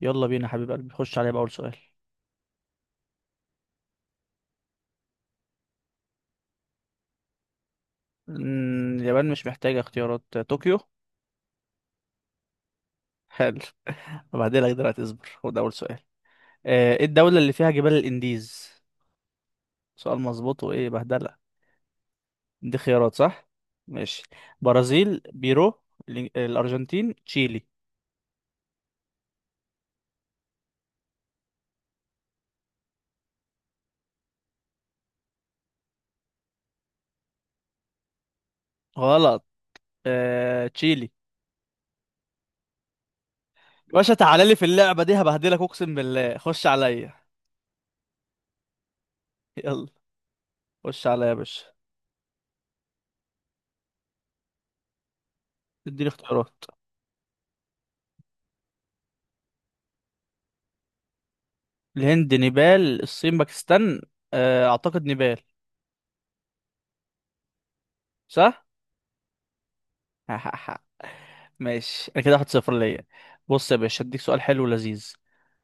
يلا بينا حبيب قلبي، خش عليا بأول سؤال. اليابان مش محتاجة اختيارات. طوكيو. حلو. وبعدين لك دلوقتي اصبر، خد أول سؤال. ايه الدولة اللي فيها جبال الإنديز؟ سؤال مظبوط وإيه بهدلة. دي خيارات صح. ماشي، برازيل، بيرو، الأرجنتين، تشيلي. غلط. تشيلي. يا باشا، تعالى لي في اللعبة دي هبهدلك، أقسم بالله. خش عليا. يلا. خش عليا يا باشا. اديني اختيارات. الهند، نيبال، الصين، باكستان. أعتقد نيبال. صح. ماشي، انا كده 1-0 ليا. بص يا باشا، اديك سؤال حلو ولذيذ.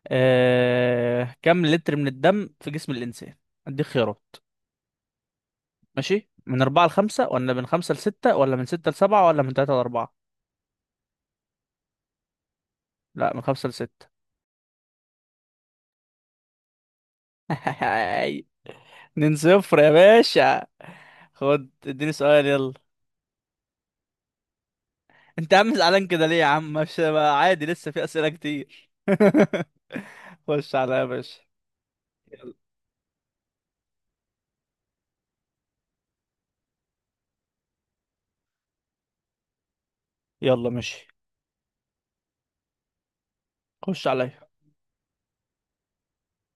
كم لتر من الدم في جسم الانسان؟ اديك خيارات. ماشي، من أربعة لخمسة ولا من خمسة لستة ولا من ستة لسبعة ولا من تلاتة لأربعة؟ لا، من خمسة لستة. 2-0 يا باشا. خد، اديني سؤال، يلا. انت يا عم زعلان كده ليه يا عم؟ مش بقى عادي، لسه في أسئلة كتير. خش عليا يا باشا. يلا ماشي. خش عليا.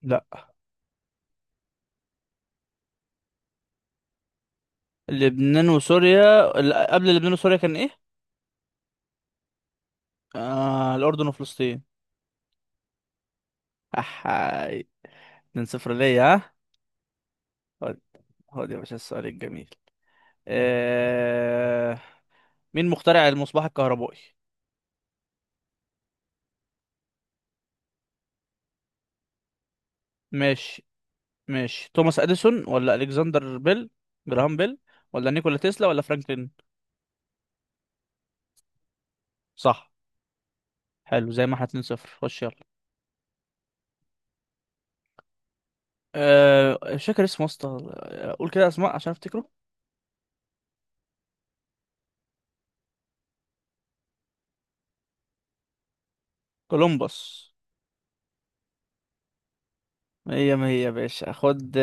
لا، لبنان وسوريا، قبل لبنان وسوريا كان ايه؟ آه، الأردن وفلسطين. أحاي. 2-0 ليا، ها؟ خد، خد يا باشا السؤال الجميل. آه... مين مخترع المصباح الكهربائي؟ ماشي. ماشي، توماس أديسون ولا ألكسندر بيل، جراهام بيل، ولا نيكولا تسلا ولا فرانكلين؟ صح. حلو، زي ما احنا 2-0. خش يلا. مش فاكر اسمه يا اسطى، قول كده اسماء عشان افتكره. كولومبوس. هي ما هي يا باشا، خد.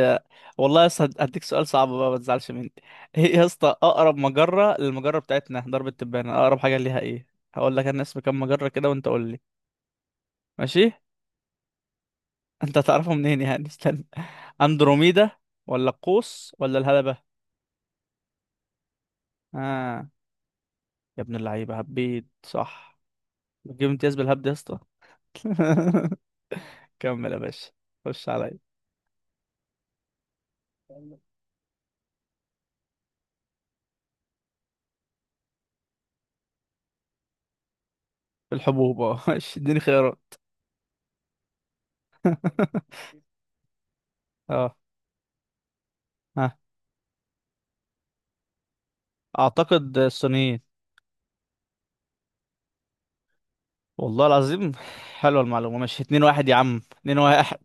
والله يا اسطى هديك سؤال صعب بقى، ما تزعلش مني. ايه يا اسطى اقرب مجرة للمجرة بتاعتنا درب التبانة؟ اقرب حاجة ليها ايه؟ هقول لك انا اسم كام مجرة كده وانت قول لي. ماشي. انت هتعرفه منين يعني؟ استنى. اندروميدا، ولا القوس، ولا الهلبة. اه. يا ابن اللعيبة، هبيت صح. بتجيب امتياز بالهبد يا اسطى. كمل يا باشا. خش عليا. الحبوب، اه. ماشي، اديني خيارات. اه، ها. اعتقد الصينيين. والله العظيم. حلوة المعلومة. ماشي، 2-1 يا عم، اتنين واحد.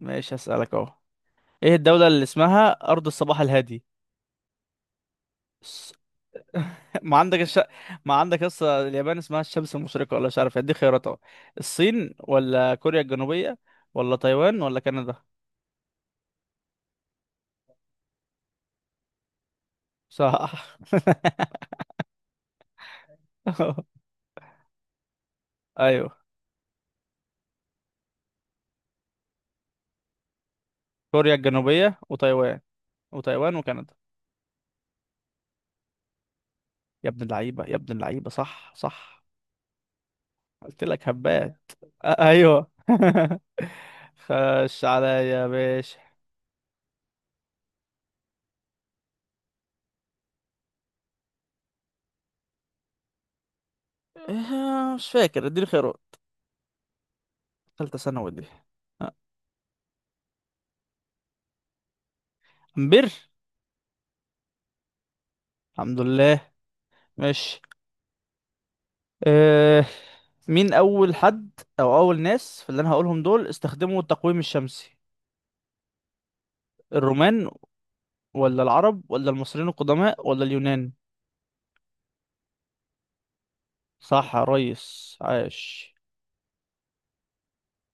ماشي، هسألك اهو. ايه الدولة اللي اسمها أرض الصباح الهادي؟ س- ما عندك الش... ما عندك لسه اليابان اسمها الشمس المشرقة، ولا مش عارف، ادي خيارات اهو. الصين، ولا كوريا الجنوبية، ولا تايوان، ولا كندا. صح. ايوه. كوريا الجنوبية وتايوان وكندا. يا ابن اللعيبة، يا ابن اللعيبة، صح صح. قلت لك هبات. ايوه. خش عليا يا باشا. مش فاكر، اديني خيارات. تالتة ثانوي دي. آه، امبير. الحمد لله. ماشي. أه. مين أول حد، أو أول ناس في اللي أنا هقولهم دول استخدموا التقويم الشمسي؟ الرومان، ولا العرب، ولا المصريين القدماء، ولا اليونان؟ صح يا ريس، عاش.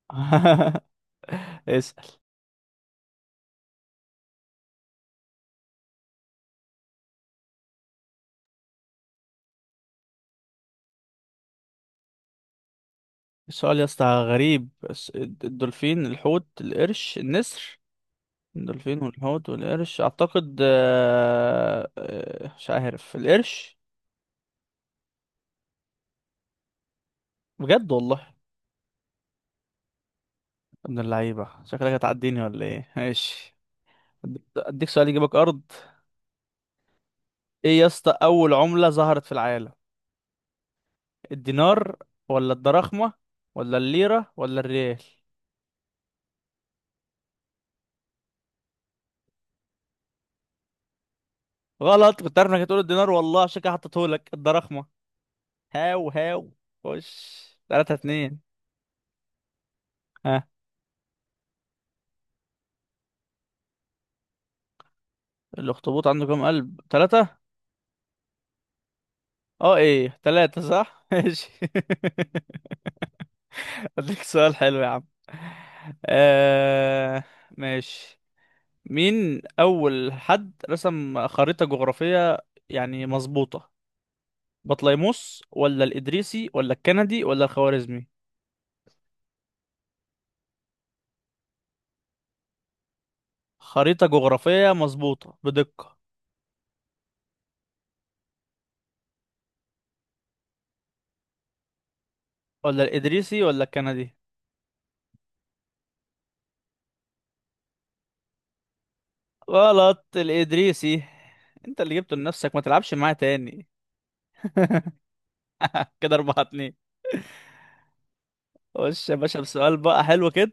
اسأل. السؤال يا اسطى غريب، بس الدولفين، الحوت، القرش، النسر. الدولفين والحوت والقرش، أعتقد مش عارف، القرش. بجد والله. ابن اللعيبة، شكلك هتعديني ولا ايه؟ ماشي. أديك سؤال يجيبك أرض. ايه يا اسطى أول عملة ظهرت في العالم؟ الدينار، ولا الدراخمة، ولا الليرة، ولا الريال؟ غلط. كنت عارف انك هتقول الدينار والله، عشان كده حطيتهولك الدراخمة. هاو هاو. خش. 3-2. ها. الأخطبوط عنده كام قلب؟ تلاتة. اه، ايه تلاتة. صح، ماشي. أديك سؤال حلو يا عم. آه... ماشي. مين أول حد رسم خريطة جغرافية، يعني مظبوطة؟ بطليموس، ولا الإدريسي، ولا الكندي، ولا الخوارزمي؟ خريطة جغرافية مظبوطة بدقة. ولا الإدريسي، ولا الكندي. غلط، الإدريسي. انت اللي جبته لنفسك، ما تلعبش معاه تاني. كده 4-2. خش يا باشا بسؤال بقى حلو كده.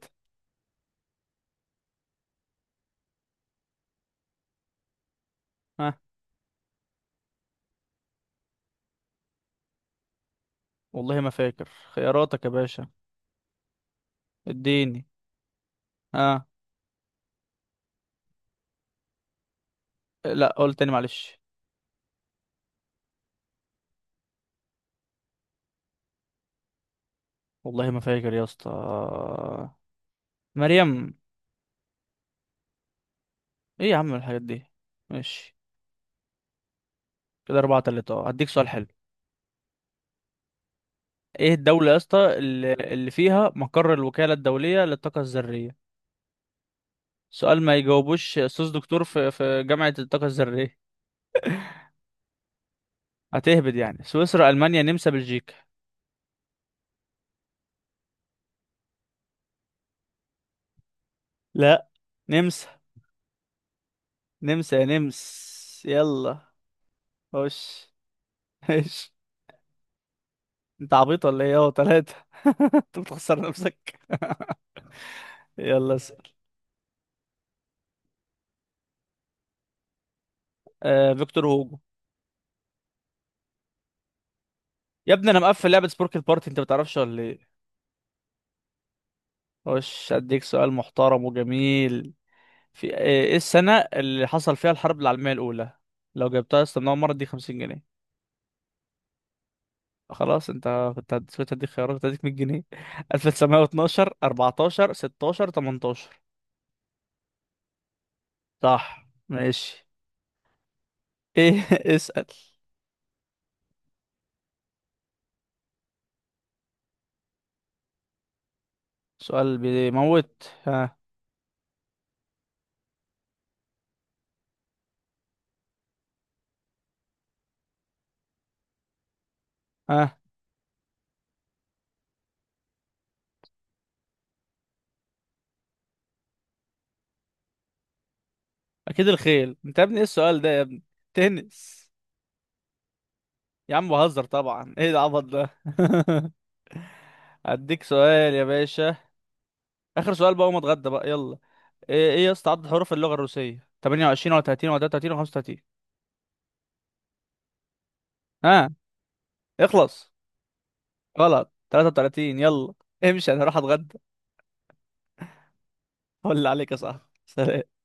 ها. والله ما فاكر خياراتك يا باشا. اديني. ها. لا، قول تاني، معلش. والله ما فاكر يا اسطى. مريم. ايه يا عم الحاجات دي؟ ماشي. كده 4-3، اه. هديك سؤال حلو. ايه الدولة يا اسطى اللي فيها مقر الوكالة الدولية للطاقة الذرية؟ سؤال ما يجاوبوش أستاذ دكتور في جامعة الطاقة الذرية. هتهبد يعني، سويسرا، ألمانيا، نمسا، بلجيكا. لا. نمسا. نمسا يا نمس، يلا. خش. ايش. انت عبيط ولا ايه؟ اهو تلاتة. انت بتخسر نفسك. يلا اسأل. فيكتور هوجو. يا ابني، انا مقفل لعبة سبورك البارتي، انت بتعرفش ولا ايه؟ خش، اديك سؤال محترم وجميل. في ايه. إيه السنة اللي حصل فيها الحرب العالمية الأولى؟ لو جبتها يا اسطى من أول مرة اديك 50 جنيه. خلاص، انت كنت كنت هديك خيارات، كنت هديك 100 جنيه. 1912، 14، 16، 18. صح، ماشي. ايه. اسأل. سؤال بيموت، ها. ها. اكيد الخيل، انت يا ابني ايه السؤال ده يا ابني؟ تنس. يا عم بهزر طبعا، ايه العبط ده؟ هديك سؤال يا باشا. اخر سؤال بقى وما اتغدى بقى، يلا. ايه يا اسطى عدد حروف اللغة الروسية؟ 28 ولا 30 ولا 33 ولا 35؟ ها، اخلص. غلط، 33. يلا، امشي، انا هروح اتغدى. ولا عليك يا صاحبي، سلام.